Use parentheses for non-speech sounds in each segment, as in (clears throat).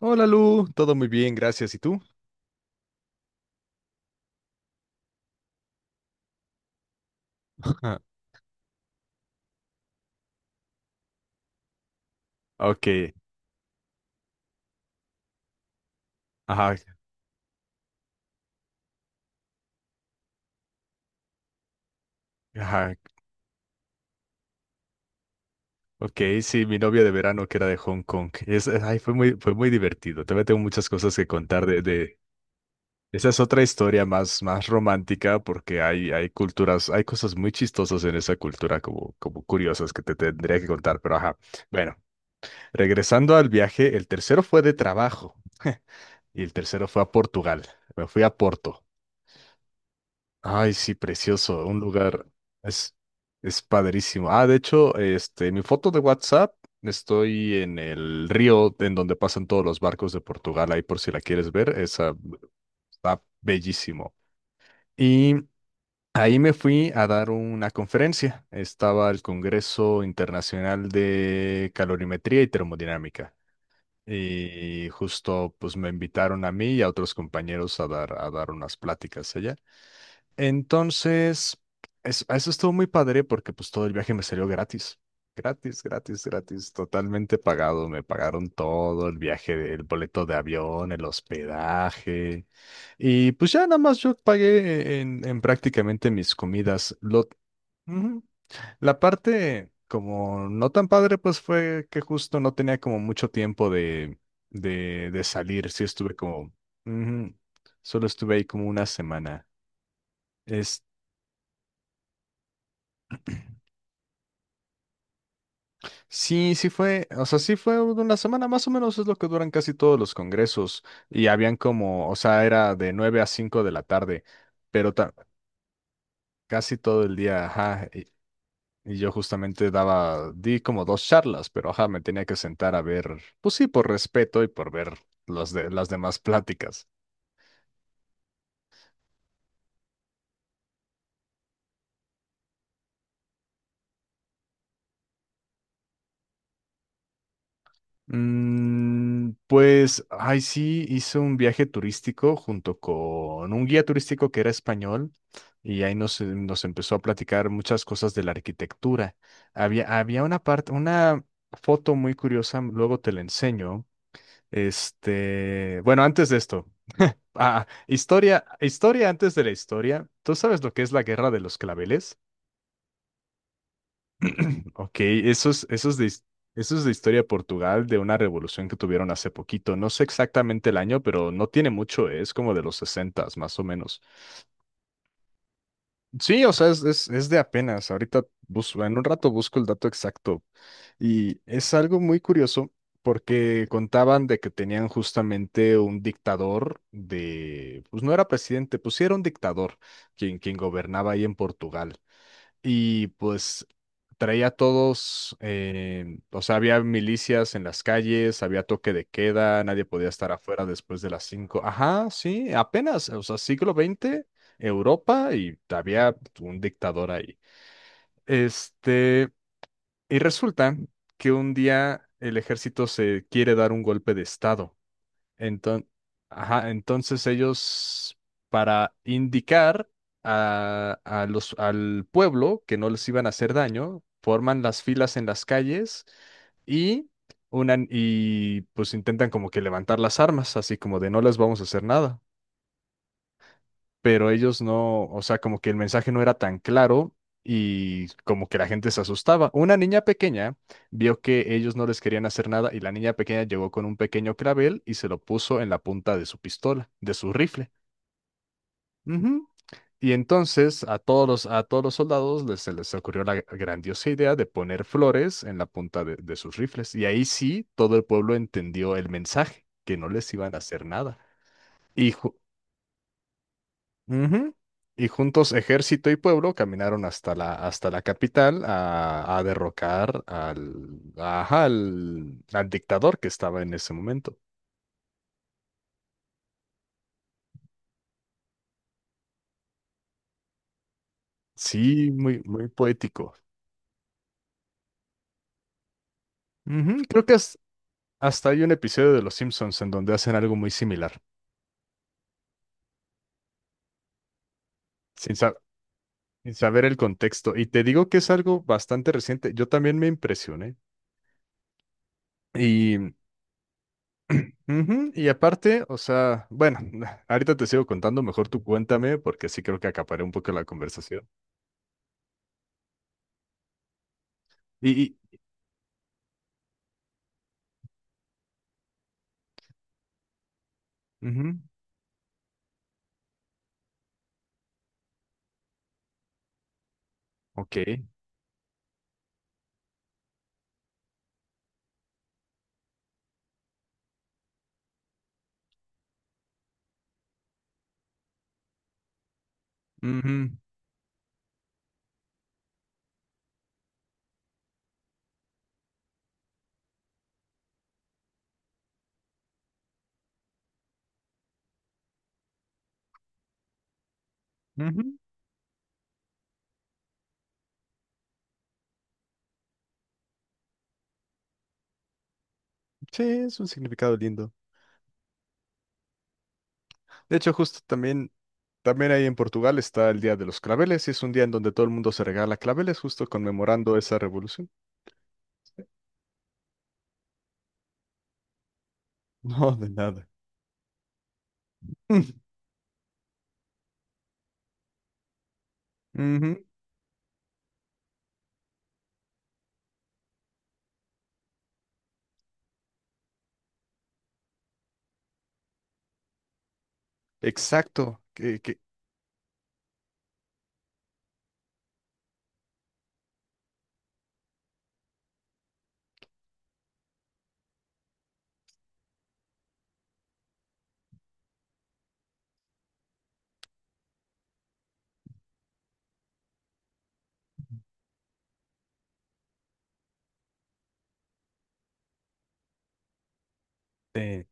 Hola Lu, todo muy bien, gracias. ¿Y tú? (laughs) Ah, Ok, ajá, ajá, ok, sí, mi novia de verano que era de Hong Kong. Ay, fue muy, divertido. También tengo muchas cosas que contar de. Esa es otra historia más, más romántica porque hay, culturas, hay cosas muy chistosas en esa cultura como curiosas que te tendría que contar, pero ajá. Bueno, regresando al viaje, el tercero fue de trabajo. (laughs) Y el tercero fue a Portugal. Me fui a Porto. Ay, sí, precioso, un lugar es, es padrísimo. Ah, de hecho, este, mi foto de WhatsApp, estoy en el río en donde pasan todos los barcos de Portugal, ahí por si la quieres ver, esa está bellísimo. Y ahí me fui a dar una conferencia. Estaba el Congreso Internacional de Calorimetría y Termodinámica. Y justo pues me invitaron a mí y a otros compañeros a dar, unas pláticas allá. Entonces, eso estuvo muy padre porque pues todo el viaje me salió gratis. Gratis, gratis, gratis, totalmente pagado. Me pagaron todo, el viaje, el boleto de avión, el hospedaje. Y pues ya nada más yo pagué en prácticamente mis comidas. Ujú. La parte como no tan padre, pues fue que justo no tenía como mucho tiempo de salir. Sí estuve como, ujú. Solo estuve ahí como una semana. Sí, sí fue, o sea, sí fue una semana más o menos, es lo que duran casi todos los congresos y habían como, o sea, era de 9 a 5 de la tarde, pero casi todo el día, ajá, y yo justamente di como dos charlas, pero ajá, me tenía que sentar a ver, pues sí, por respeto y por ver los de, las demás pláticas. Mm, pues, ay, sí, hizo un viaje turístico junto con un guía turístico que era español y ahí nos empezó a platicar muchas cosas de la arquitectura. Había una una foto muy curiosa, luego te la enseño. Este, bueno, antes de esto, historia antes de la historia. ¿Tú sabes lo que es la Guerra de los Claveles? Ok, esos de historia de Portugal, de una revolución que tuvieron hace poquito. No sé exactamente el año, pero no tiene mucho, es como de los sesentas, más o menos. Sí, o sea, es, es de apenas. Ahorita busco, en un rato busco el dato exacto. Y es algo muy curioso porque contaban de que tenían justamente un dictador de, pues no era presidente, pues sí era un dictador quien gobernaba ahí en Portugal y pues traía a todos, o sea, había milicias en las calles, había toque de queda, nadie podía estar afuera después de las cinco. Ajá, sí, apenas, o sea, siglo XX, Europa, y había un dictador ahí. Este, y resulta que un día el ejército se quiere dar un golpe de estado. Enton- ajá, entonces ellos, para indicar al pueblo que no les iban a hacer daño, forman las filas en las calles y, y pues intentan como que levantar las armas, así como de no les vamos a hacer nada, pero ellos no, o sea, como que el mensaje no era tan claro y como que la gente se asustaba. Una niña pequeña vio que ellos no les querían hacer nada y la niña pequeña llegó con un pequeño clavel y se lo puso en la punta de su pistola, de su rifle. Ujú. Y entonces a todos los soldados les, se les ocurrió la grandiosa idea de poner flores en la punta de sus rifles. Y ahí sí, todo el pueblo entendió el mensaje, que no les iban a hacer nada. Y ju- Ujú. Y juntos ejército y pueblo caminaron hasta hasta la capital a derrocar al, ajá, al dictador que estaba en ese momento. Sí, muy, muy poético. Ujú. Creo que hasta hay un episodio de Los Simpsons en donde hacen algo muy similar, sin, sa- sin saber el contexto. Y te digo que es algo bastante reciente. Yo también me impresioné. y Ujú. Y aparte, o sea, bueno, (laughs) ahorita te sigo contando, mejor tú cuéntame, porque sí creo que acaparé un poco la conversación. Y, ujú, ok. Ujú, ujú. Sí, es un significado lindo. De hecho, justo también ahí en Portugal está el Día de los Claveles, y es un día en donde todo el mundo se regala claveles, justo conmemorando esa revolución. (laughs) Sí. No, de nada. (laughs) Ujú. Exacto. Eh,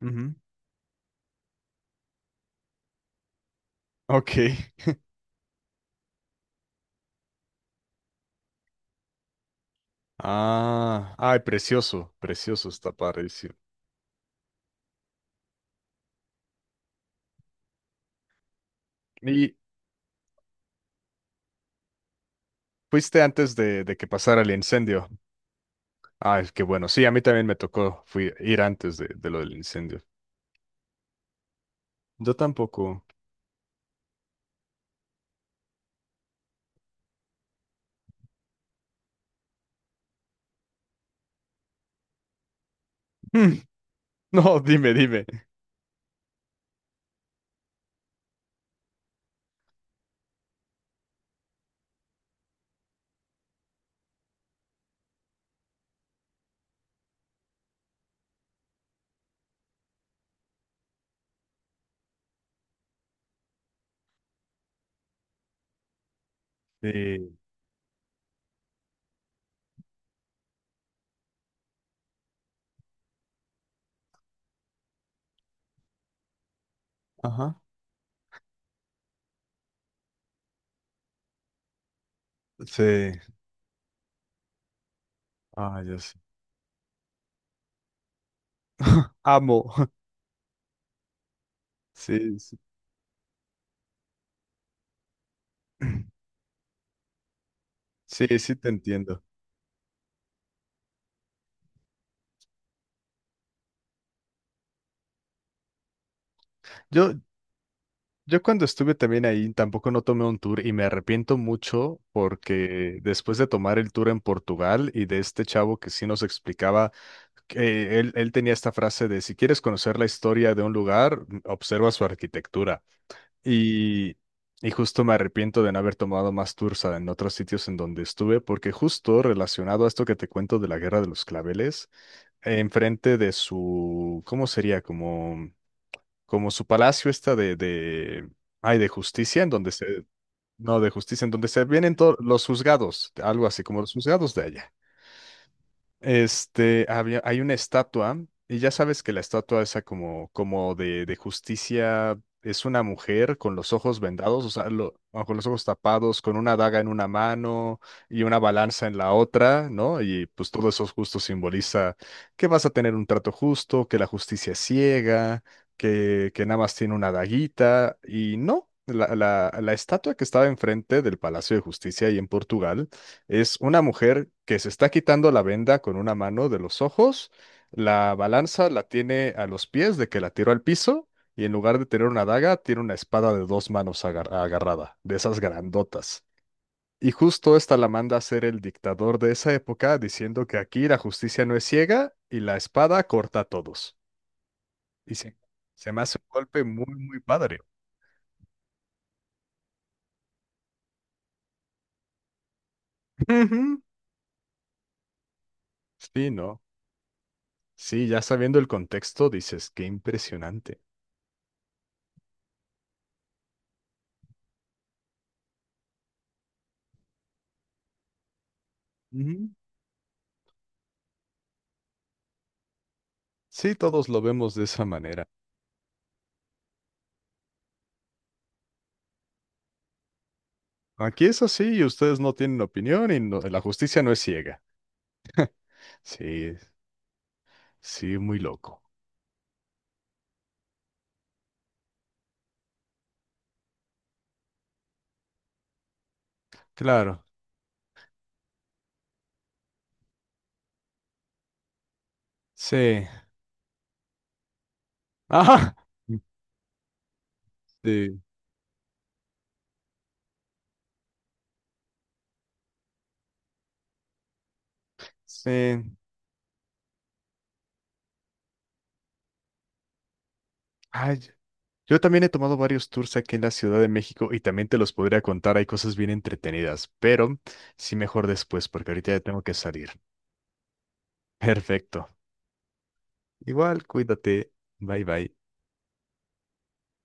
ujú. Ok. Ah, ay, precioso, precioso está parecido. Y fuiste antes de que pasara el incendio. Ah, es que bueno, sí, a mí también me tocó ir antes de lo del incendio. Yo tampoco. Mm. (laughs) No, dime, dime. Sí. Ajá. Sí. Ah, yo sí. Amo. (laughs) Sí, sí. (clears throat) Sí, sí te entiendo. Yo, Yo cuando estuve también ahí tampoco no tomé un tour y me arrepiento mucho porque después de tomar el tour en Portugal y de este chavo que sí nos explicaba, que él tenía esta frase de si quieres conocer la historia de un lugar, observa su arquitectura. Y, y justo me arrepiento de no haber tomado más tours en otros sitios en donde estuve porque justo relacionado a esto que te cuento de la Guerra de los Claveles, enfrente de su, ¿cómo sería? Como su palacio está ay, de justicia, en donde se, no, de justicia, en donde se vienen todos los juzgados, algo así como los juzgados de allá. Este, había, hay una estatua, y ya sabes que la estatua esa como, como de justicia es una mujer con los ojos vendados, o sea, o con los ojos tapados, con una daga en una mano y una balanza en la otra, ¿no? Y pues todo eso justo simboliza que vas a tener un trato justo, que la justicia es ciega, que nada más tiene una daguita, y no, la, la estatua que estaba enfrente del Palacio de Justicia ahí en Portugal es una mujer que se está quitando la venda con una mano de los ojos, la balanza la tiene a los pies de que la tiró al piso y en lugar de tener una daga tiene una espada de dos manos agarrada, de esas grandotas. Y justo esta la manda a ser el dictador de esa época diciendo que aquí la justicia no es ciega y la espada corta a todos. Y sí, se me hace un golpe muy, muy padre. Ujú. Sí, ¿no? Sí, ya sabiendo el contexto dices, qué impresionante. Sí, todos lo vemos de esa manera. Aquí es así y ustedes no tienen opinión y la justicia no es ciega. Sí, sí, muy loco. Claro, sí. (laughs) Ajá. Sí, sí. Ay, yo también he tomado varios tours aquí en la Ciudad de México y también te los podría contar. Hay cosas bien entretenidas, pero sí mejor después porque ahorita ya tengo que salir. (laughs) Perfecto. Igual, cuídate. Bye bye.